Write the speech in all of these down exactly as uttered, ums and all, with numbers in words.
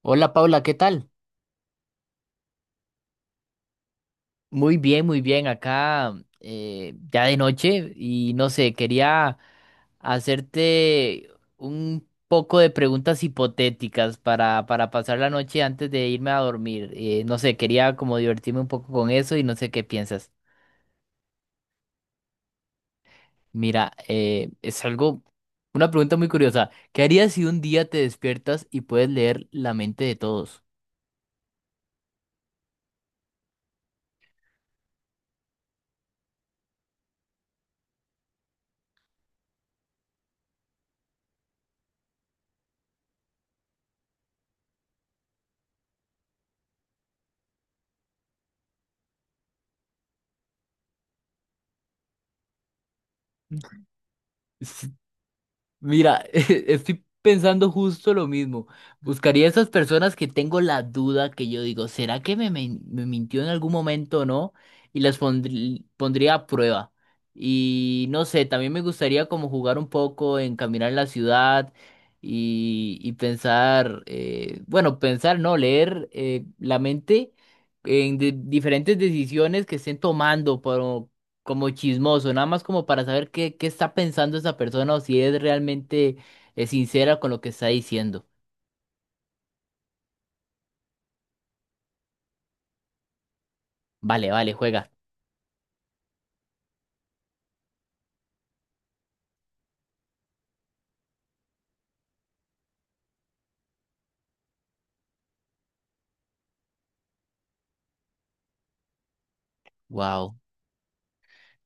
Hola Paula, ¿qué tal? Muy bien, muy bien. Acá eh, ya de noche y no sé, quería hacerte un poco de preguntas hipotéticas para, para pasar la noche antes de irme a dormir. Eh, no sé, quería como divertirme un poco con eso y no sé qué piensas. Mira, eh, es algo, una pregunta muy curiosa. ¿Qué harías si un día te despiertas y puedes leer la mente de todos? Mira, estoy pensando justo lo mismo. Buscaría esas personas que tengo la duda que yo digo, ¿será que me, men- me mintió en algún momento o no? Y las pondrí- pondría a prueba. Y no sé, también me gustaría como jugar un poco en caminar en la ciudad y, y pensar, eh, bueno, pensar, no, leer eh, la mente en de- diferentes decisiones que estén tomando como chismoso, nada más como para saber qué, qué está pensando esa persona o si es realmente eh, sincera con lo que está diciendo. Vale, vale, juega. Wow,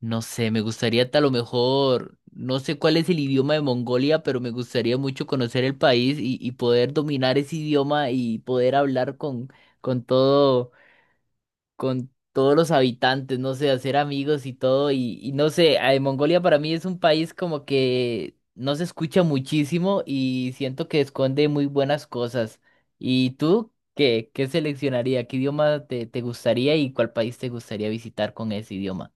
no sé, me gustaría a lo mejor, no sé cuál es el idioma de Mongolia, pero me gustaría mucho conocer el país y, y poder dominar ese idioma y poder hablar con, con todo. Con todos los habitantes, no sé, hacer amigos y todo. Y, y no sé, eh, Mongolia para mí es un país como que no se escucha muchísimo y siento que esconde muy buenas cosas. ¿Y tú qué, qué seleccionaría? ¿Qué idioma te, te gustaría y cuál país te gustaría visitar con ese idioma?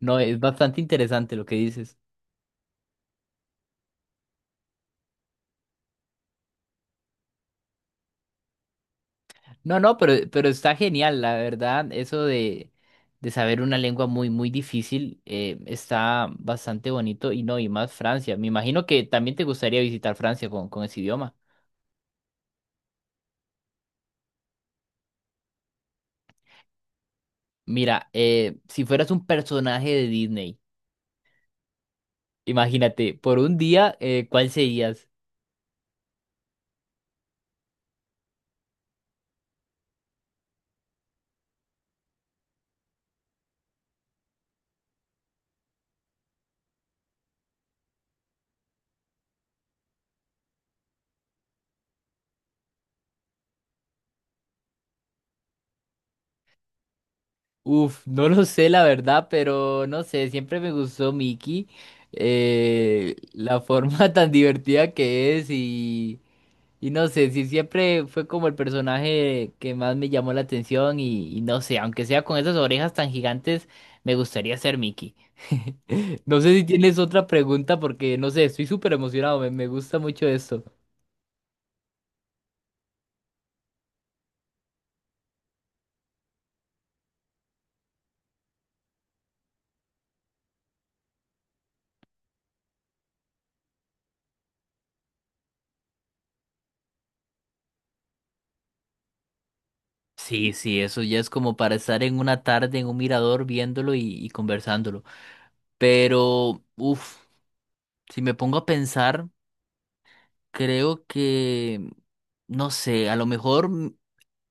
No, es bastante interesante lo que dices. No, no, pero, pero está genial, la verdad, eso de, de saber una lengua muy, muy difícil, eh, está bastante bonito y no, y más Francia. Me imagino que también te gustaría visitar Francia con, con ese idioma. Mira, eh, si fueras un personaje de Disney, imagínate, por un día, eh, ¿cuál serías? Uf, no lo sé, la verdad, pero no sé, siempre me gustó Mickey, eh, la forma tan divertida que es y... Y no sé, si siempre fue como el personaje que más me llamó la atención y, y no sé, aunque sea con esas orejas tan gigantes, me gustaría ser Mickey. No sé si tienes otra pregunta porque no sé, estoy súper emocionado, me, me gusta mucho esto. Sí, sí, eso ya es como para estar en una tarde en un mirador viéndolo y, y conversándolo. Pero, uff, si me pongo a pensar, creo que, no sé, a lo mejor.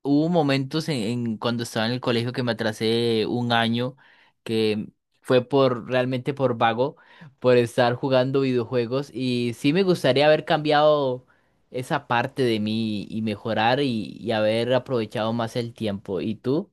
Hubo momentos en, en cuando estaba en el colegio que me atrasé un año, que fue por realmente por vago, por estar jugando videojuegos y sí me gustaría haber cambiado esa parte de mí y mejorar y, y haber aprovechado más el tiempo. ¿Y tú?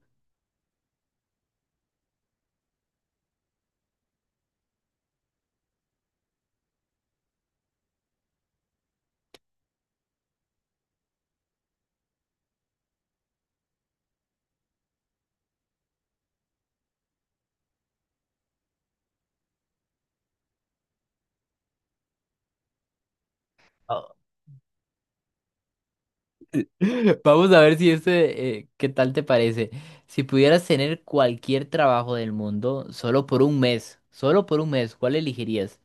Ah, vamos a ver si este, eh, ¿qué tal te parece? Si pudieras tener cualquier trabajo del mundo solo por un mes, solo por un mes, ¿cuál elegirías?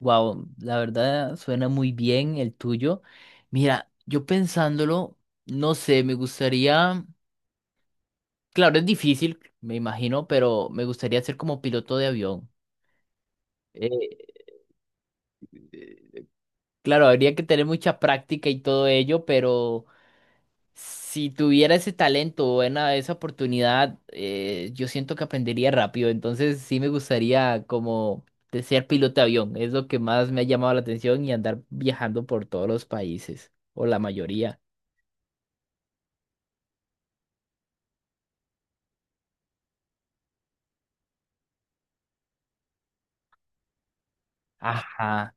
Wow, la verdad suena muy bien el tuyo. Mira, yo pensándolo, no sé, me gustaría, claro, es difícil, me imagino, pero me gustaría ser como piloto de avión. Eh, claro, habría que tener mucha práctica y todo ello, pero si tuviera ese talento o buena- esa oportunidad, eh, yo siento que aprendería rápido. Entonces sí me gustaría como de ser piloto de avión. Es lo que más me ha llamado la atención y andar viajando por todos los países, o la mayoría. Ajá.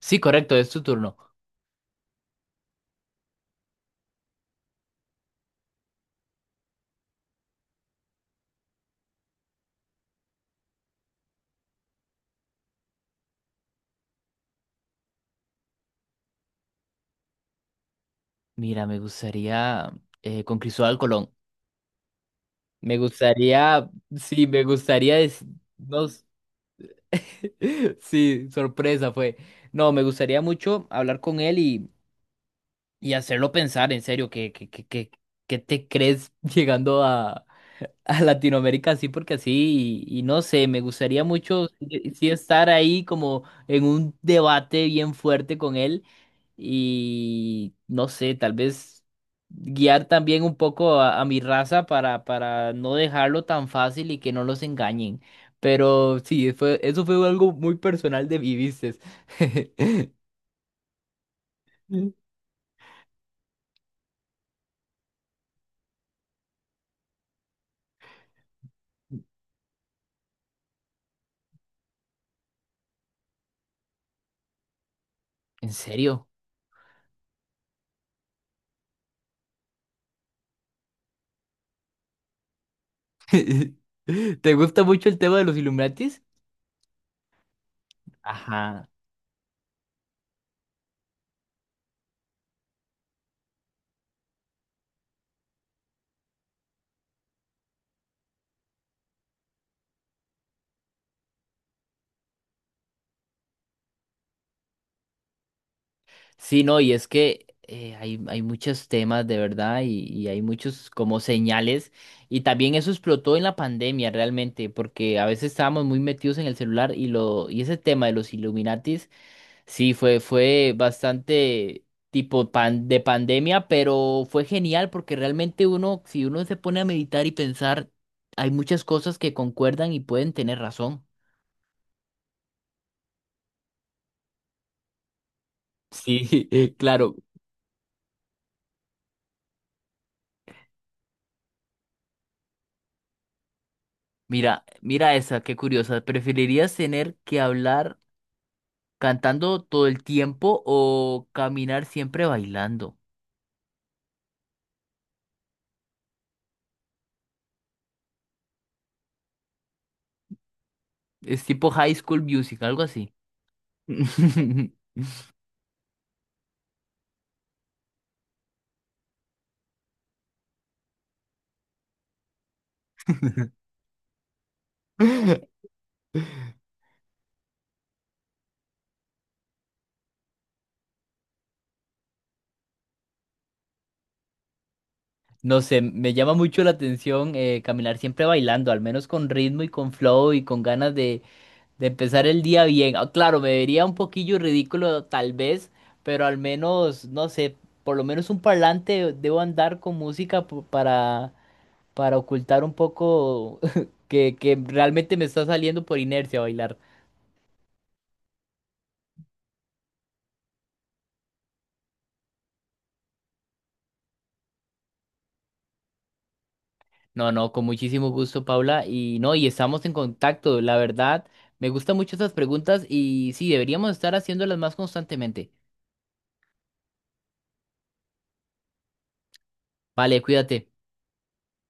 Sí, correcto, es tu turno. Mira, me gustaría eh, con Cristóbal Colón. Me gustaría, sí, me gustaría, des- no s- sí, sorpresa fue. No, me gustaría mucho hablar con él y, y hacerlo pensar, en serio, que, que, que, que, ¿qué te crees llegando a, a Latinoamérica sí, porque así, y, y no sé, me gustaría mucho sí sí estar ahí como en un debate bien fuerte con él y no sé, tal vez guiar también un poco a, a mi raza para, para no dejarlo tan fácil y que no los engañen. Pero sí, fue, eso fue algo muy personal de mi ¿viste? ¿En serio? ¿Te gusta mucho el tema de los Illuminatis? Ajá. Sí, no, y es que eh, hay, hay muchos temas de verdad y, y hay muchos como señales y también eso explotó en la pandemia realmente porque a veces estábamos muy metidos en el celular y lo y ese tema de los Illuminatis sí fue fue bastante tipo pan, de pandemia, pero fue genial porque realmente uno si uno se pone a meditar y pensar hay muchas cosas que concuerdan y pueden tener razón. Sí, claro. Mira, mira esa, qué curiosa. ¿Preferirías tener que hablar cantando todo el tiempo o caminar siempre bailando? Es tipo High School Music, algo así. No sé, me llama mucho la atención eh, caminar siempre bailando, al menos con ritmo y con flow y con ganas de, de empezar el día bien. Ah, claro, me vería un poquillo ridículo tal vez, pero al menos, no sé, por lo menos un parlante debo andar con música po- para, para ocultar un poco que, que realmente me está saliendo por inercia bailar. No, no, con muchísimo gusto, Paula. Y no, y estamos en contacto. La verdad, me gustan mucho esas preguntas y sí, deberíamos estar haciéndolas más constantemente. Vale, cuídate.